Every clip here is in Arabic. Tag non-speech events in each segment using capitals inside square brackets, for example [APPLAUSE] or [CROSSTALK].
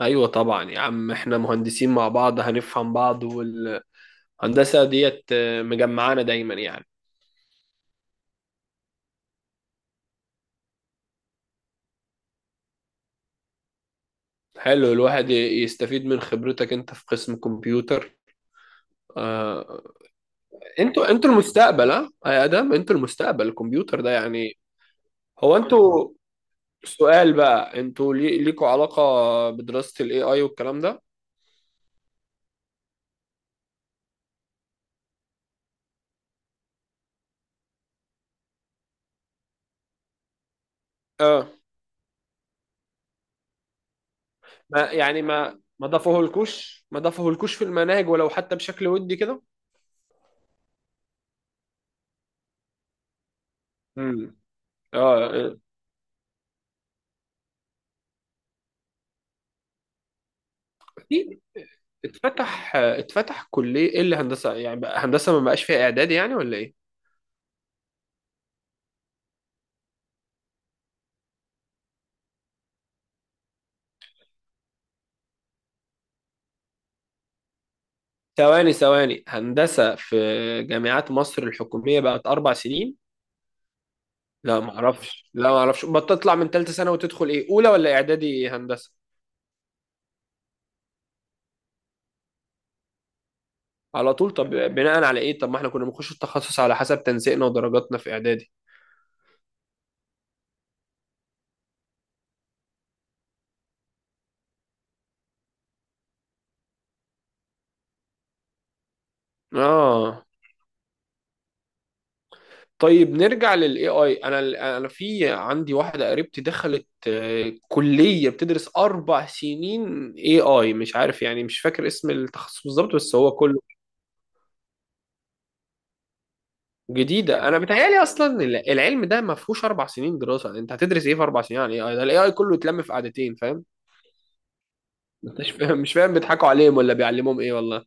ايوه طبعا يا عم، احنا مهندسين مع بعض هنفهم بعض، والهندسه ديت مجمعانا دايما يعني. حلو، الواحد يستفيد من خبرتك انت في قسم كمبيوتر. آه، انتوا المستقبل، ها يا ادم، انتوا المستقبل، الكمبيوتر ده يعني. هو انتوا سؤال بقى، انتوا ليكوا علاقه بدراسه الاي اي والكلام ده؟ اه، ما يعني ما ضافوهولكوش، ما ضافوهولكوش في المناهج ولو حتى بشكل ودي كده؟ امم. اه. اكيد. اتفتح كلية ايه اللي هندسة، يعني بقى هندسة ما بقاش فيها اعدادي يعني ولا ايه؟ ثواني، ثواني، هندسة في جامعات مصر الحكومية بقت أربع سنين؟ لا ما اعرفش، لا ما اعرفش، بتطلع من ثالثة سنة وتدخل ايه أولى ولا إعدادي هندسة؟ على طول؟ طب بناء على ايه؟ طب ما احنا كنا بنخش التخصص على حسب تنسيقنا ودرجاتنا في إعدادي. اه. طيب نرجع للاي اي. انا في عندي واحده قريبتي دخلت كليه بتدرس اربع سنين اي اي، مش عارف يعني، مش فاكر اسم التخصص بالظبط، بس هو كله جديده. انا بتهيالي اصلا العلم ده ما فيهوش اربع سنين دراسه، يعني انت هتدرس ايه في اربع سنين عن الاي اي ده؟ الاي اي كله اتلم في قعدتين، فاهم؟ مش فاهم، مش فاهم، بيضحكوا عليهم ولا بيعلموهم ايه والله.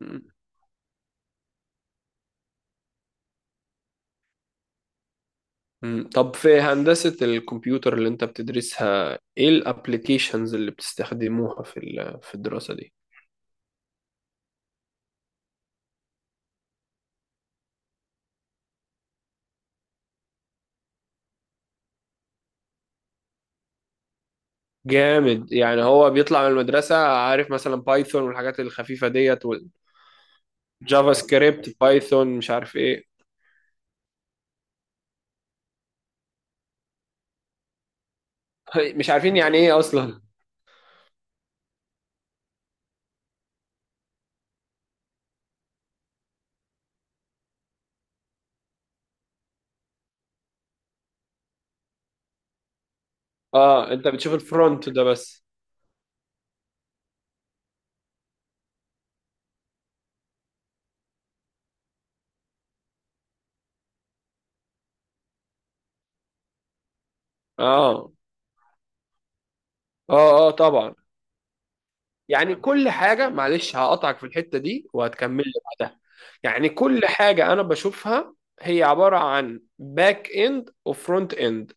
مم. مم. طب في هندسه الكمبيوتر اللي انت بتدرسها ايه الابلكيشنز اللي بتستخدموها في الدراسه دي؟ جامد، يعني هو بيطلع من المدرسة عارف مثلا بايثون والحاجات الخفيفة ديت، والجافا سكريبت بايثون مش عارف ايه. [LAUGHS] مش عارفين يعني ايه اصلا. اه، انت بتشوف الفرونت ده بس. اه، اه، اه، طبعا. يعني كل حاجة، معلش هقطعك في الحتة دي وهتكمل لي بعدها. يعني كل حاجة انا بشوفها هي عبارة عن باك اند وفرونت اند.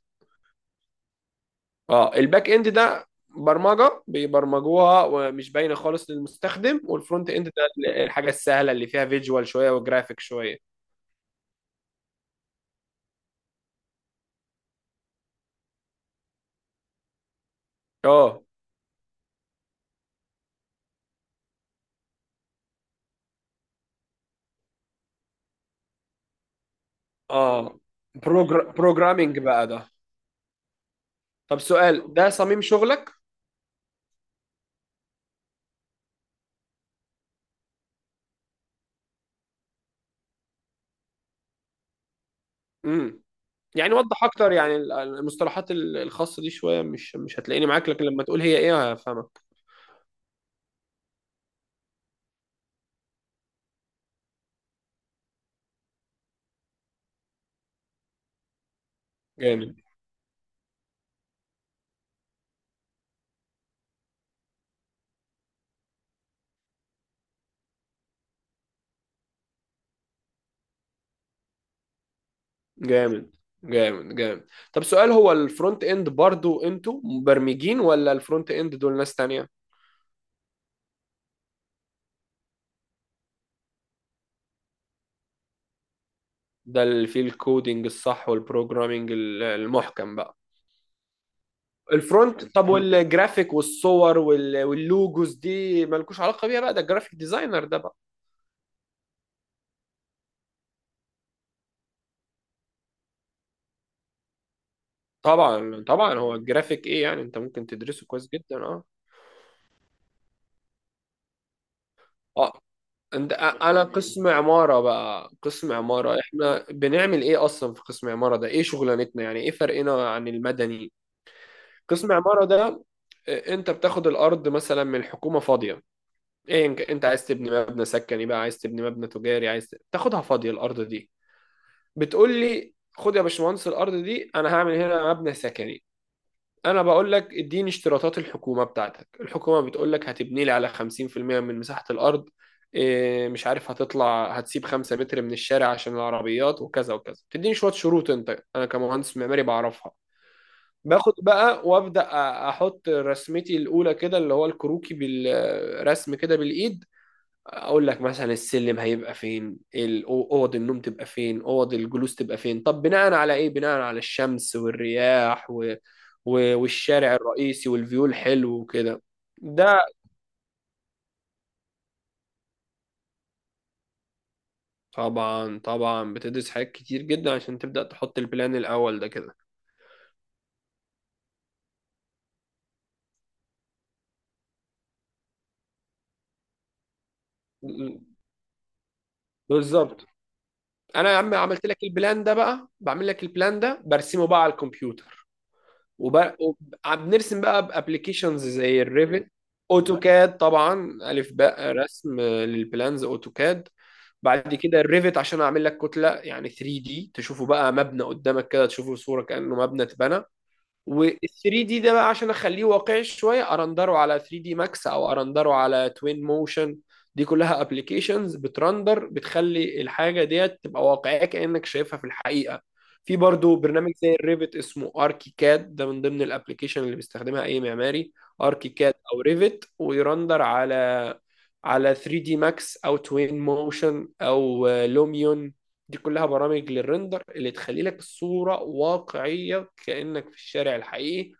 اه، الباك اند ده برمجه بيبرمجوها ومش باينه خالص للمستخدم، والفرونت اند ده الحاجه السهله اللي فيها فيجوال شويه وجرافيك شويه. اه، اه، بروجرامينج بقى ده. طب سؤال، ده صميم شغلك. امم. يعني وضح اكتر، يعني المصطلحات الخاصه دي شويه، مش هتلاقيني معاك، لكن لما تقول هي ايه هفهمك. جامد، جامد، جامد، جامد. طب سؤال، هو الفرونت اند برضو انتوا مبرمجين ولا الفرونت اند دول ناس تانية؟ ده اللي فيه الكودينج الصح والبروجرامينج المحكم بقى. الفرونت، طب والجرافيك والصور واللوجوز دي مالكوش علاقة بيها بقى؟ ده الجرافيك ديزاينر ده بقى. طبعا، طبعا، هو الجرافيك ايه يعني، انت ممكن تدرسه كويس جدا. اه. اه، انت أ- انا قسم عمارة بقى. قسم عمارة، احنا بنعمل ايه اصلا في قسم عمارة ده؟ ايه شغلانتنا، يعني ايه فرقنا عن المدني؟ قسم عمارة ده، انت بتاخد الارض مثلا من الحكومة فاضية. ايه، انت عايز تبني مبنى سكني بقى، عايز تبني مبنى تجاري، عايز تاخدها فاضية الارض دي. بتقول لي: خد يا باشمهندس الارض دي، انا هعمل هنا مبنى سكني. انا بقول لك: اديني اشتراطات الحكومة بتاعتك. الحكومة بتقول لك هتبني لي على 50% من مساحة الارض. إيه مش عارف، هتطلع هتسيب 5 متر من الشارع عشان العربيات، وكذا وكذا، بتديني شوية شروط انت، انا كمهندس معماري بعرفها. باخد بقى وابدا، احط رسمتي الاولى كده اللي هو الكروكي بالرسم كده بالايد. اقول لك مثلا السلم هيبقى فين، اوض النوم تبقى فين، اوض الجلوس تبقى فين. طب بناء على ايه؟ بناء على الشمس والرياح والشارع الرئيسي والفيو الحلو وكده. ده طبعا، طبعا بتدرس حاجات كتير جدا عشان تبدأ تحط البلان الاول ده كده. م- بالظبط. انا يا عم عملت لك البلان ده بقى، بعمل لك البلان ده برسمه بقى على الكمبيوتر. وبقى بنرسم بقى بابلكيشنز زي الريفت. اوتوكاد، طبعا الف باء رسم للبلانز اوتوكاد. بعد كده الريفت عشان اعمل لك كتله، يعني 3 دي تشوفه بقى مبنى قدامك كده، تشوفه صوره كانه مبنى اتبنى. وال 3 دي ده بقى عشان اخليه واقعي شويه، ارندره على 3 دي ماكس او ارندره على توين موشن. دي كلها ابلكيشنز بترندر، بتخلي الحاجه ديت تبقى واقعيه كانك شايفها في الحقيقه. في برضو برنامج زي الريفت اسمه اركي كاد، ده من ضمن الابلكيشن اللي بيستخدمها اي معماري. اركي كاد او ريفت، ويرندر على 3 دي ماكس او توين موشن او لوميون. دي كلها برامج للرندر اللي تخلي لك الصورة واقعية كأنك في الشارع الحقيقي.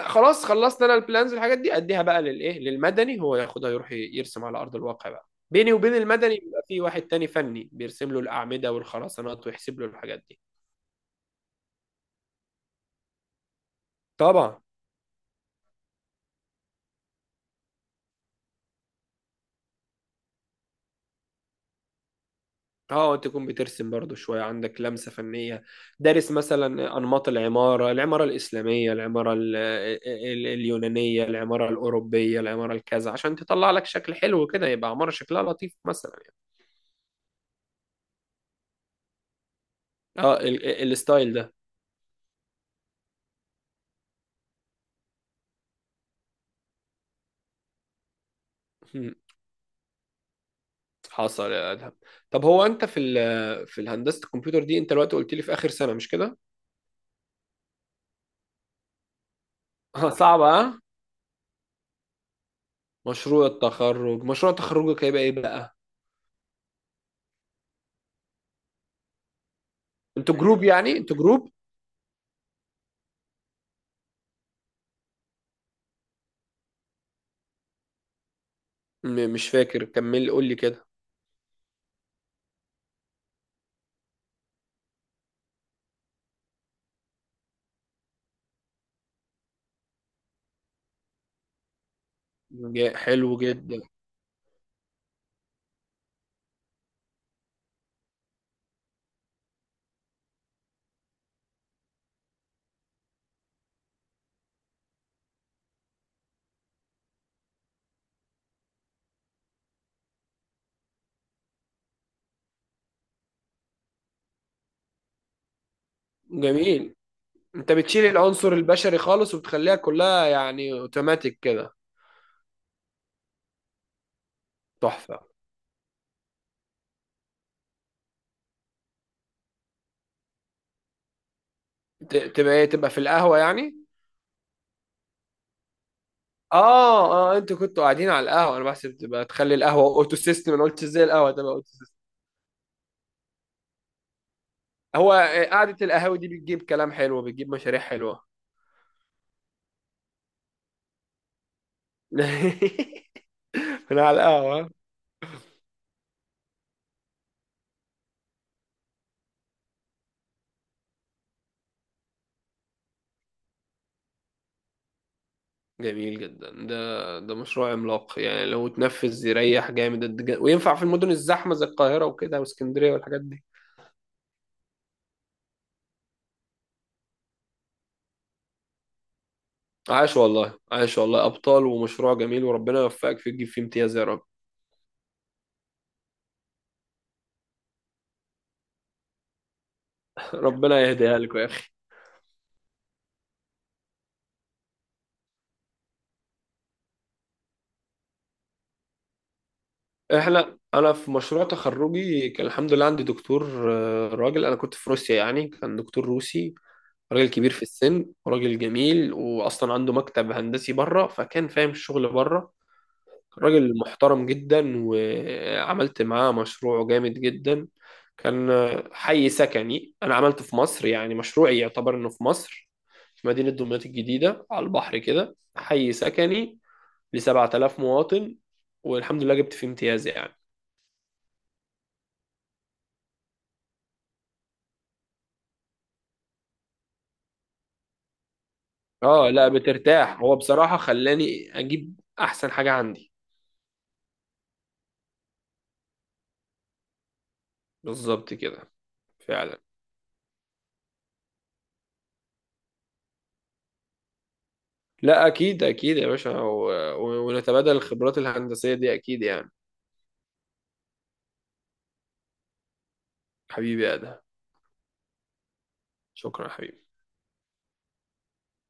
خلاص، خلصت انا البلانز والحاجات دي، اديها بقى للايه، للمدني. هو ياخدها يروح يرسم على ارض الواقع بقى. بيني وبين المدني بيبقى في واحد تاني فني بيرسم له الاعمده والخرسانات ويحسب له الحاجات دي. طبعا. اه، انت تكون بترسم برضو شوية، عندك لمسة فنية. دارس مثلا أنماط العمارة، العمارة الإسلامية، العمارة اليونانية، العمارة الأوروبية، العمارة الكذا، عشان تطلع لك شكل حلو كده، يبقى عمارة شكلها لطيف مثلا يعني. اه، الستايل ده. مم. حصل يا أدهم. طب هو أنت في في الهندسة الكمبيوتر دي أنت دلوقتي قلت لي في آخر سنة، مش كده؟ اه، [LAUGHS] صعبة، اه. مشروع التخرج، مشروع تخرجك هيبقى إيه بقى؟ أنتوا جروب يعني؟ أنتوا جروب؟ مش فاكر، كمل قول لي كده. حلو جدا. جميل، انت بتشيل العنصر البشري خالص وبتخليها كلها يعني اوتوماتيك كده. تحفة. تبقى ايه، تبقى في القهوة يعني؟ اه، اه، انتوا كنتوا قاعدين على القهوة؟ انا بحسب تبقى تخلي القهوة اوتو سيستم، انا قلت ازاي القهوة تبقى اوتو سيستم. هو قعدة القهاوي دي بتجيب كلام حلو، بتجيب مشاريع حلوة. [LAUGHS] من على القهوة. جميل جدا، ده مشروع عملاق، يعني لو اتنفذ يريح جامد، وينفع في المدن الزحمة زي القاهرة وكده واسكندرية والحاجات دي. عاش والله، عاش والله، ابطال ومشروع جميل، وربنا يوفقك فيه تجيب فيه امتياز يا رب. [LAUGHS] ربنا يهديها لك يا اخي. انا في مشروع تخرجي كان الحمد لله عندي دكتور راجل، انا كنت في روسيا يعني، كان دكتور روسي. راجل كبير في السن، راجل جميل، واصلا عنده مكتب هندسي بره، فكان فاهم الشغل بره. راجل محترم جدا، وعملت معاه مشروع جامد جدا. كان حي سكني انا عملته في مصر، يعني مشروعي يعتبر انه في مصر. مدينة دمياط الجديدة على البحر كده، حي سكني ل 7000 مواطن، والحمد لله جبت فيه امتياز يعني. اه، لا بترتاح، هو بصراحة خلاني اجيب احسن حاجة عندي. بالظبط كده، فعلا. لا اكيد، اكيد يا باشا، ونتبادل الخبرات الهندسية دي اكيد يعني. حبيبي يا ادهم. شكرا يا حبيبي.